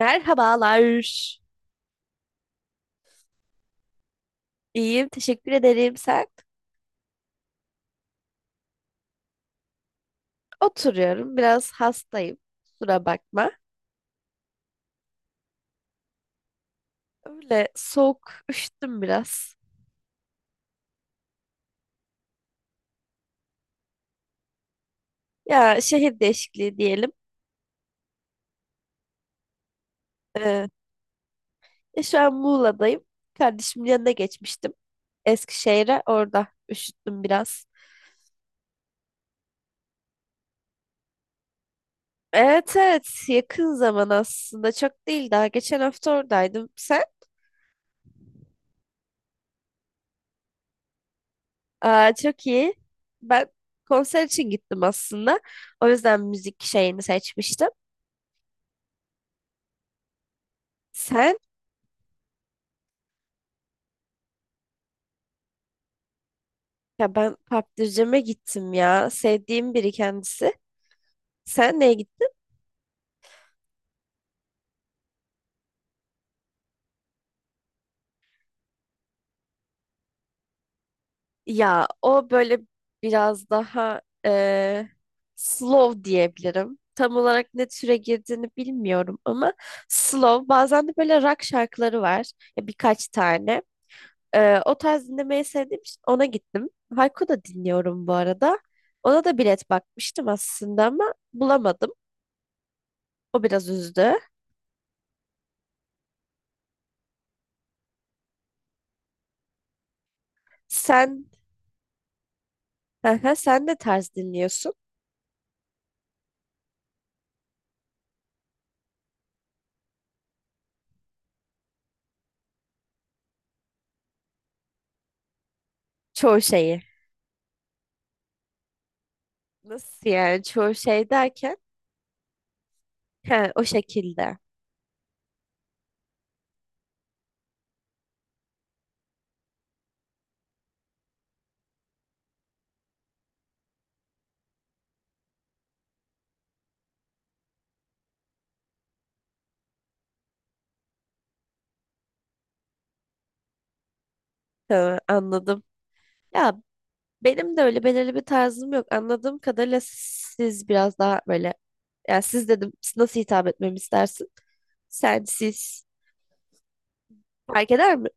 Merhabalar. İyiyim, teşekkür ederim. Sen? Oturuyorum, biraz hastayım. Kusura bakma. Öyle soğuk, üşüttüm biraz. Ya şehir değişikliği diyelim. Ee, Ya şu an Muğla'dayım. Kardeşimin yanına geçmiştim. Eskişehir'e orada üşüttüm biraz. Evet, evet, yakın zaman aslında, çok değil, daha geçen hafta oradaydım. Sen? Aa, çok iyi. Ben konser için gittim aslında. O yüzden müzik şeyini seçmiştim. Sen? Ya ben kaptırcama gittim ya. Sevdiğim biri kendisi. Sen neye gittin? Ya o böyle biraz daha slow diyebilirim. Tam olarak ne türe girdiğini bilmiyorum ama slow. Bazen de böyle rock şarkıları var. Ya birkaç tane. O tarz dinlemeyi sevdiğim için ona gittim. Hayko da dinliyorum bu arada. Ona da bilet bakmıştım aslında ama bulamadım. O biraz üzdü. Sen, sen ne tarz dinliyorsun? Çoğu şeyi. Nasıl yani, çoğu şey derken? Ha, o şekilde. Tamam, anladım. Ya benim de öyle belirli bir tarzım yok. Anladığım kadarıyla siz biraz daha böyle, ya siz dedim, siz nasıl hitap etmemi istersin? Sen, siz, fark eder mi?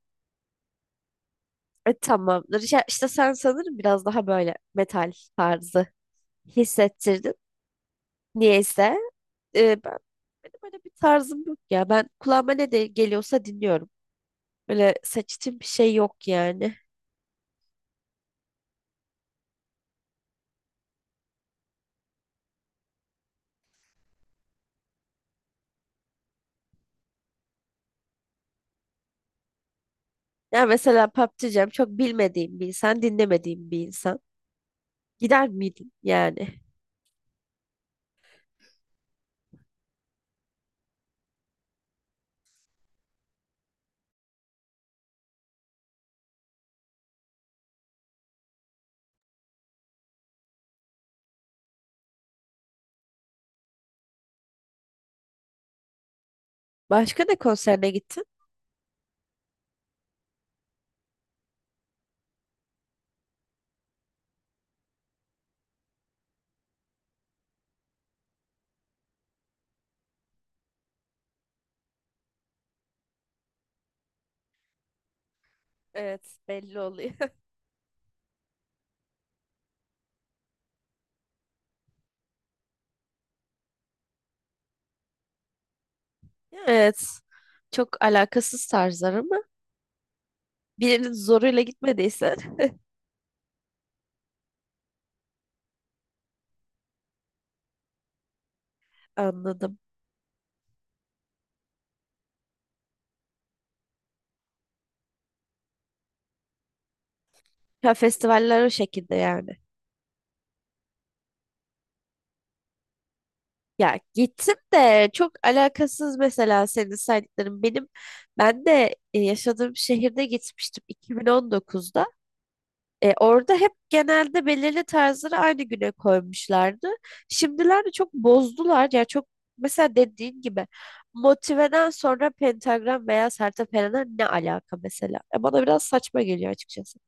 Tamamdır. Ya, işte sen sanırım biraz daha böyle metal tarzı hissettirdin. Niyeyse e, ben benim öyle bir tarzım yok ya. Ben kulağıma ne de geliyorsa dinliyorum. Böyle seçtiğim bir şey yok yani. Ya mesela PUBG'cem çok bilmediğim bir insan, dinlemediğim bir insan. Gider miydin yani? Başka ne konserine gittin? Evet, belli oluyor. Evet. Çok alakasız tarzlar ama birinin zoruyla gitmediysen anladım. Ya festivaller o şekilde yani. Ya gittim de çok alakasız mesela senin saydıkların. Ben de yaşadığım şehirde gitmiştim 2019'da. Orada hep genelde belirli tarzları aynı güne koymuşlardı. Şimdilerde çok bozdular. Yani çok, mesela dediğin gibi, motiveden sonra pentagram veya sertepereler, ne alaka mesela? Bana biraz saçma geliyor açıkçası.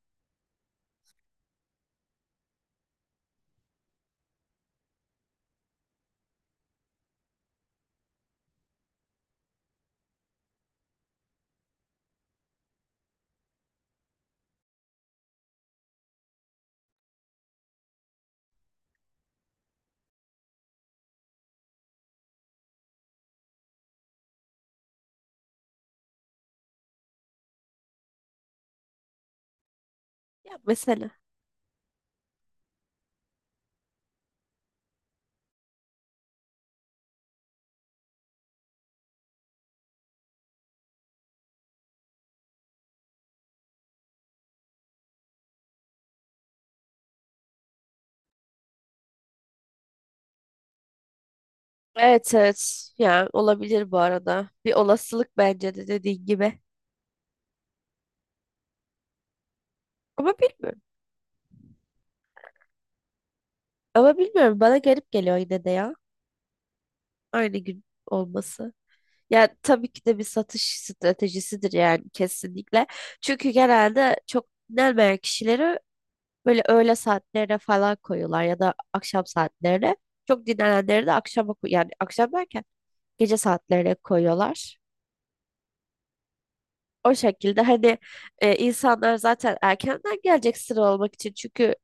Ya mesela Evet, evet. Yani olabilir bu arada. Bir olasılık bence de dediğin gibi. Ama bilmiyorum. Ama bilmiyorum. Bana garip geliyor yine de ya. Aynı gün olması. Ya tabii ki de bir satış stratejisidir yani, kesinlikle. Çünkü genelde çok dinlenmeyen kişileri böyle öğle saatlerine falan koyuyorlar ya da akşam saatlerine. Çok dinlenenleri de akşama yani akşam derken gece saatlerine koyuyorlar. O şekilde hani insanlar zaten erkenden gelecek sıra olmak için. Çünkü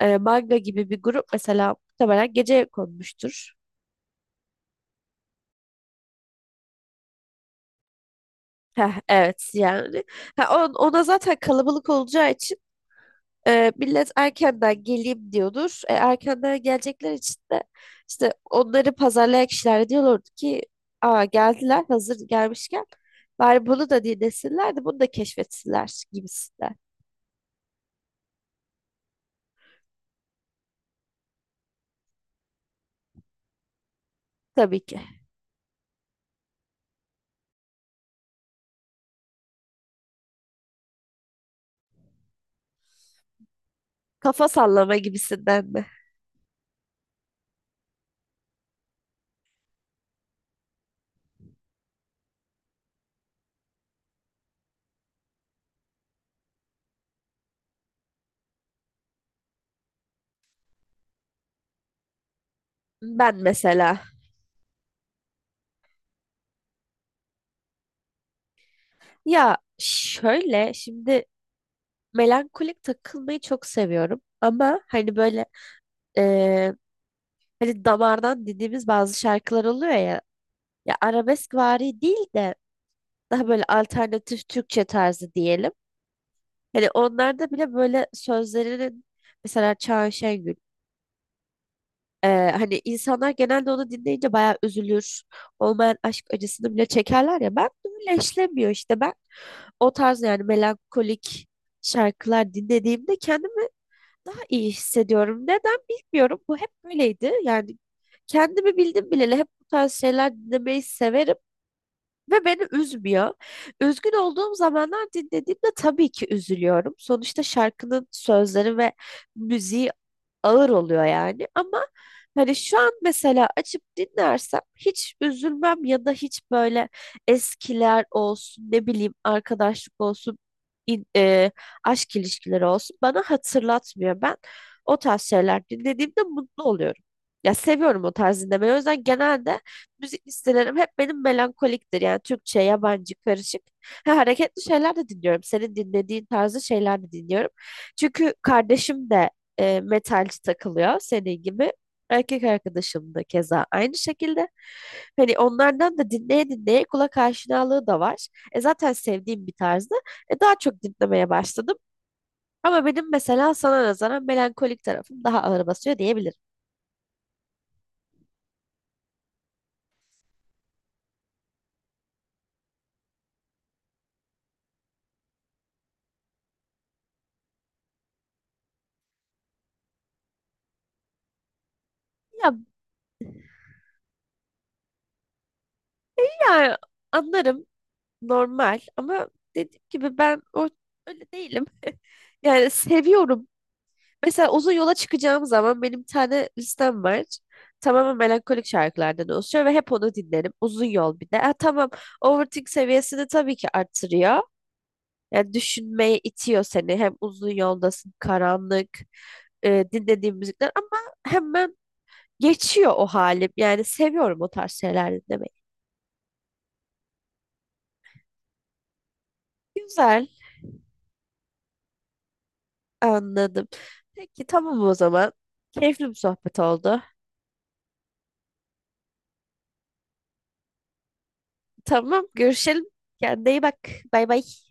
manga gibi bir grup mesela muhtemelen gece konmuştur. Heh, evet yani. Ha, ona zaten kalabalık olacağı için millet erkenden geleyim diyordur. Erkenden gelecekler için de işte onları pazarlayan kişiler diyorlardı ki, aa, geldiler, hazır gelmişken bari bunu da dinlesinler de bunu da keşfetsinler gibisinden. Tabii ki. Kafa sallama gibisinden mi? Ben mesela. Ya şöyle şimdi, melankolik takılmayı çok seviyorum. Ama hani böyle e, hani damardan dediğimiz bazı şarkılar oluyor ya. Ya arabesk vari değil de daha böyle alternatif Türkçe tarzı diyelim. Hani onlarda bile böyle sözlerinin, mesela Çağın Şengül. Hani insanlar genelde onu dinleyince bayağı üzülür. Olmayan aşk acısını bile çekerler ya. Ben de öyle işlemiyor işte. Ben o tarz, yani melankolik şarkılar dinlediğimde kendimi daha iyi hissediyorum. Neden bilmiyorum. Bu hep böyleydi. Yani kendimi bildim bileli hep bu tarz şeyler dinlemeyi severim ve beni üzmüyor. Üzgün olduğum zamanlar dinlediğimde tabii ki üzülüyorum. Sonuçta şarkının sözleri ve müziği ağır oluyor yani, ama hani şu an mesela açıp dinlersem hiç üzülmem ya da hiç böyle, eskiler olsun, ne bileyim, arkadaşlık olsun, in- e, aşk ilişkileri olsun, bana hatırlatmıyor. Ben o tarz şeyler dinlediğimde mutlu oluyorum. Ya seviyorum o tarz dinlemeyi. O yüzden genelde müzik listelerim hep benim melankoliktir. Yani Türkçe, yabancı, karışık. Ha, hareketli şeyler de dinliyorum. Senin dinlediğin tarzı şeyler de dinliyorum. Çünkü kardeşim de metalci takılıyor senin gibi. Erkek arkadaşım da keza aynı şekilde. Hani onlardan da dinleye dinleye kulak aşinalığı da var. Zaten sevdiğim bir tarzda. Daha çok dinlemeye başladım. Ama benim mesela sana nazaran melankolik tarafım daha ağır basıyor diyebilirim. Ya, ya, anlarım, normal, ama dediğim gibi ben o öyle değilim. Yani seviyorum. Mesela uzun yola çıkacağım zaman benim bir tane listem var. Tamamen melankolik şarkılardan oluşuyor ve hep onu dinlerim. Uzun yol bir de. Ha, tamam, overthink seviyesini tabii ki artırıyor. Yani düşünmeye itiyor seni. Hem uzun yoldasın, karanlık, dinlediğim müzikler, ama hemen geçiyor o halim. Yani seviyorum o tarz şeyler dinlemeyi. Güzel, anladım. Peki, tamam o zaman. Keyifli bir sohbet oldu. Tamam, görüşelim. Kendine iyi bak. Bay bay.